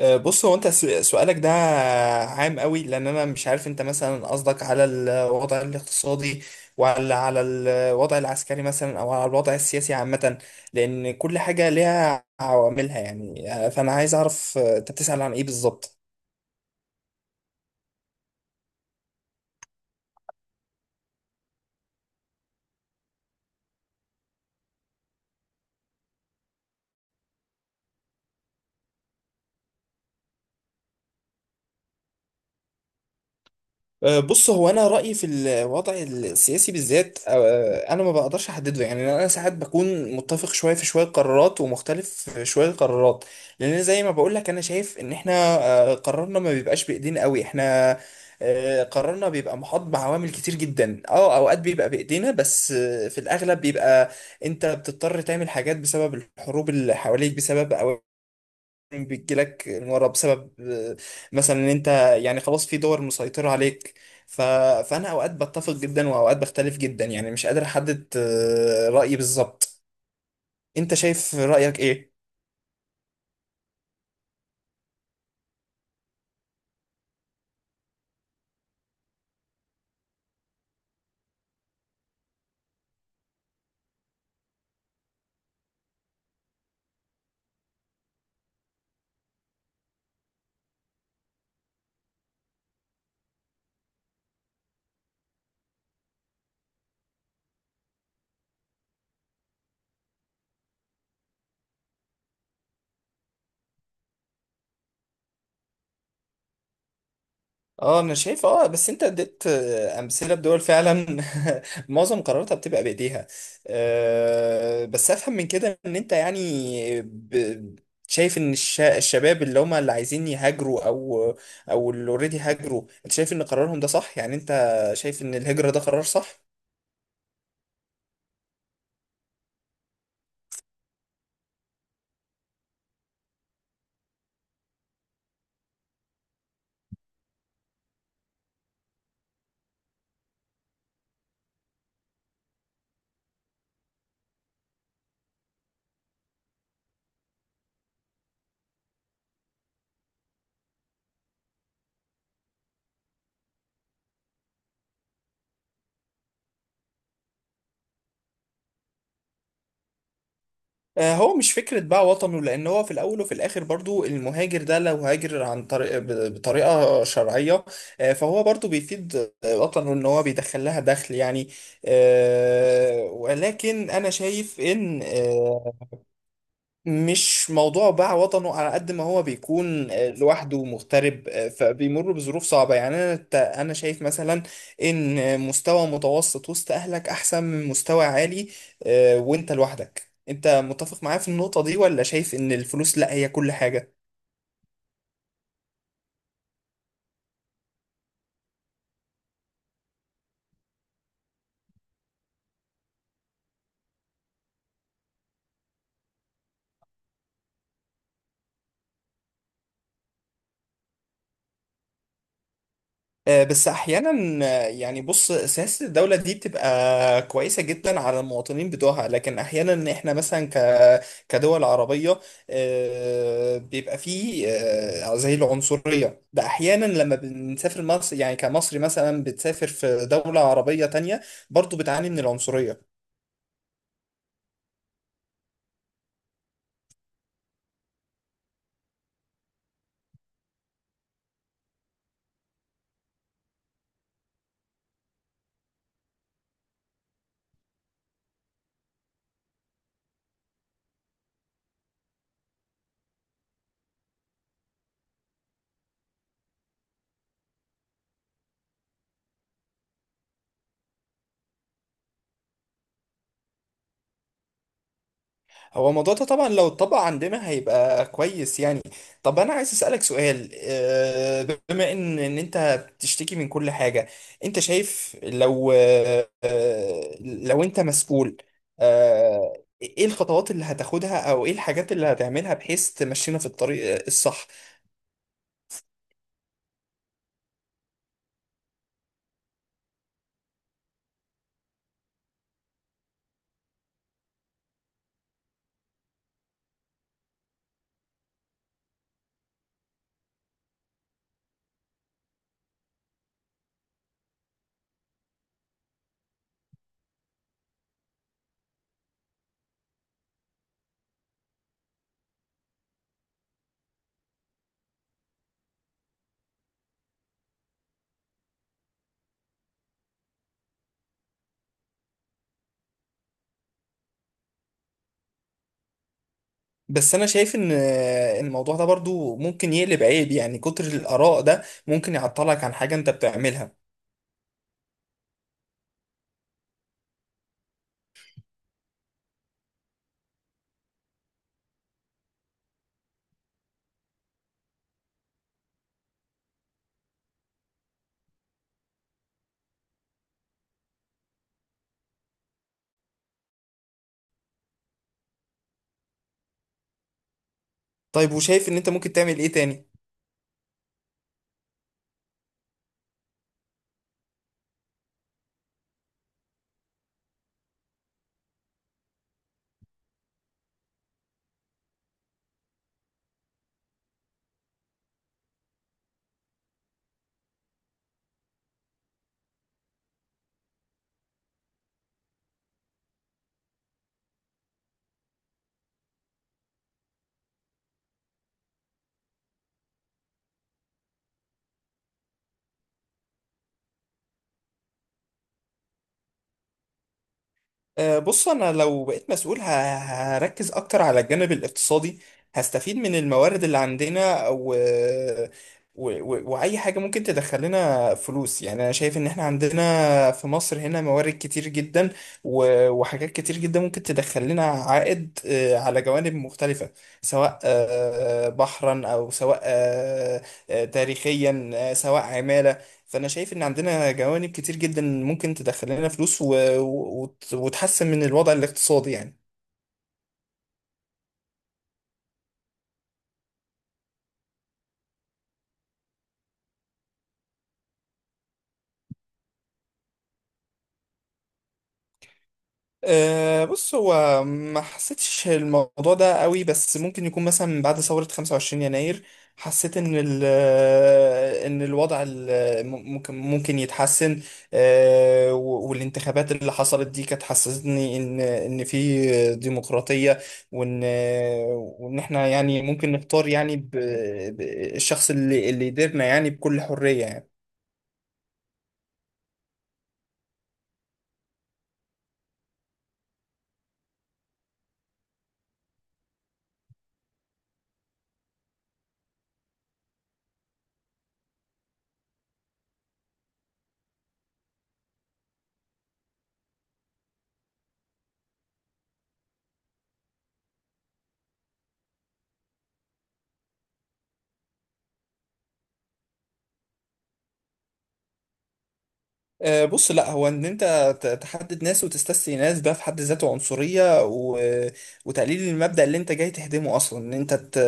بص هو انت سؤالك ده عام قوي لان انا مش عارف انت مثلا قصدك على الوضع الاقتصادي، ولا على الوضع العسكري مثلا او على الوضع السياسي عامة، لان كل حاجة ليها عواملها يعني فانا عايز اعرف انت بتسأل عن ايه بالظبط. بص هو انا رايي في الوضع السياسي بالذات، انا ما بقدرش احدده، يعني انا ساعات بكون متفق شويه في شويه قرارات ومختلف في شويه قرارات، لان زي ما بقول لك انا شايف ان احنا قرارنا ما بيبقاش بايدينا قوي، احنا قرارنا بيبقى محاط بعوامل كتير جدا، اه اوقات بيبقى بايدينا بس في الاغلب بيبقى انت بتضطر تعمل حاجات بسبب الحروب اللي حواليك، بسبب بتجيلك المرة، بسبب مثلا ان انت يعني خلاص في دول مسيطرة عليك ف... فانا اوقات بتفق جدا واوقات بختلف جدا، يعني مش قادر احدد رأيي بالظبط. انت شايف رأيك ايه؟ اه انا شايف اه. بس انت اديت امثله بدول فعلا معظم قراراتها بتبقى بايديها. بس افهم من كده ان انت يعني شايف ان الشباب اللي هم اللي عايزين يهاجروا، او او اللي اوريدي هاجروا، انت شايف ان قرارهم ده صح؟ يعني انت شايف ان الهجره ده قرار صح؟ هو مش فكرة بقى وطنه، لأن هو في الأول وفي الآخر برضو المهاجر ده لو هاجر عن طريق بطريقة شرعية، فهو برضو بيفيد وطنه، إن هو بيدخل لها دخل يعني. ولكن أنا شايف إن مش موضوع باع وطنه، على قد ما هو بيكون لوحده مغترب، فبيمر بظروف صعبة، يعني أنا أنا شايف مثلا إن مستوى متوسط وسط أهلك أحسن من مستوى عالي وأنت لوحدك. أنت متفق معايا في النقطة دي، ولا شايف إن الفلوس لا هي كل حاجة؟ بس احيانا يعني بص سياسه الدوله دي بتبقى كويسه جدا على المواطنين بتوعها، لكن احيانا احنا مثلا كدول عربيه بيبقى فيه زي العنصريه ده، احيانا لما بنسافر مصر، يعني كمصري مثلا بتسافر في دوله عربيه تانية، برضو بتعاني من العنصريه. هو الموضوع ده طبعا لو اتطبق عندنا هيبقى كويس يعني. طب انا عايز اسالك سؤال، بما ان انت بتشتكي من كل حاجه، انت شايف لو لو انت مسؤول، ايه الخطوات اللي هتاخدها او ايه الحاجات اللي هتعملها بحيث تمشينا في الطريق الصح؟ بس انا شايف ان الموضوع ده برضو ممكن يقلب عيب، يعني كتر الاراء ده ممكن يعطلك عن حاجه انت بتعملها. طيب وشايف ان انت ممكن تعمل ايه تاني؟ بص انا لو بقيت مسؤول هركز اكتر على الجانب الاقتصادي، هستفيد من الموارد اللي عندنا واي حاجه ممكن تدخل لنا فلوس، يعني انا شايف ان احنا عندنا في مصر هنا موارد كتير جدا وحاجات كتير جدا ممكن تدخل لنا عائد على جوانب مختلفه، سواء بحرا او سواء تاريخيا سواء عماله. فانا شايف ان عندنا جوانب كتير جدا ممكن تدخل لنا فلوس وتحسن من الوضع الاقتصادي يعني. أه بص هو ما حسيتش الموضوع ده قوي، بس ممكن يكون مثلا من بعد ثورة 25 يناير حسيت ان ال آه، ان الوضع ممكن يتحسن. أه والانتخابات اللي حصلت دي كانت حسستني ان في ديمقراطية، وان وان احنا يعني ممكن نختار، يعني ب- الشخص اللي يديرنا يعني بكل حرية يعني. بص لا هو ان انت تحدد ناس وتستثني ناس، ده في حد ذاته عنصرية وتقليل المبدأ اللي انت جاي تهدمه اصلا، ان انت ت...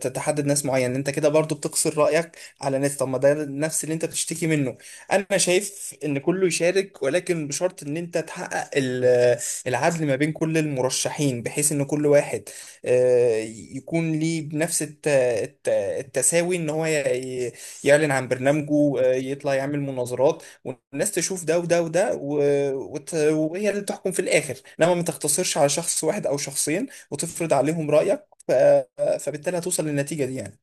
ت- تحدد ناس معين، انت كده برضو بتقصر رأيك على ناس، طب ما ده نفس اللي انت بتشتكي منه. انا شايف ان كله يشارك، ولكن بشرط ان انت تحقق العدل ما بين كل المرشحين، بحيث ان كل واحد آه، يكون ليه بنفس التساوي، ان هو يعلن عن برنامجه، يطلع يعمل مناظرات، والناس تشوف ده وده وده وهي اللي تحكم في الآخر، إنما ما تقتصرش على شخص واحد أو شخصين وتفرض عليهم رأيك فبالتالي هتوصل للنتيجة دي يعني.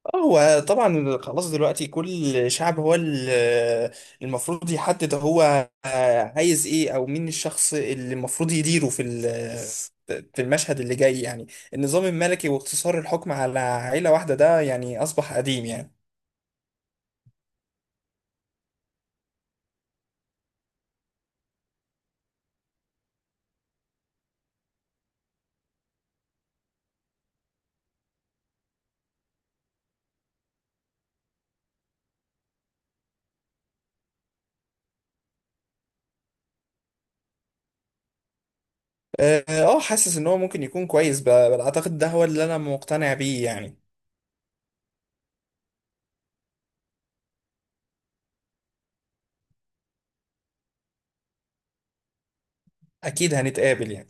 اه هو طبعا خلاص دلوقتي كل شعب هو المفروض يحدد هو عايز ايه، او مين الشخص اللي المفروض يديره في في المشهد اللي جاي يعني. النظام الملكي واقتصار الحكم على عيلة واحدة ده يعني أصبح قديم يعني. اه حاسس ان هو ممكن يكون كويس، بل اعتقد ده هو اللي انا مقتنع بيه يعني. اكيد هنتقابل يعني.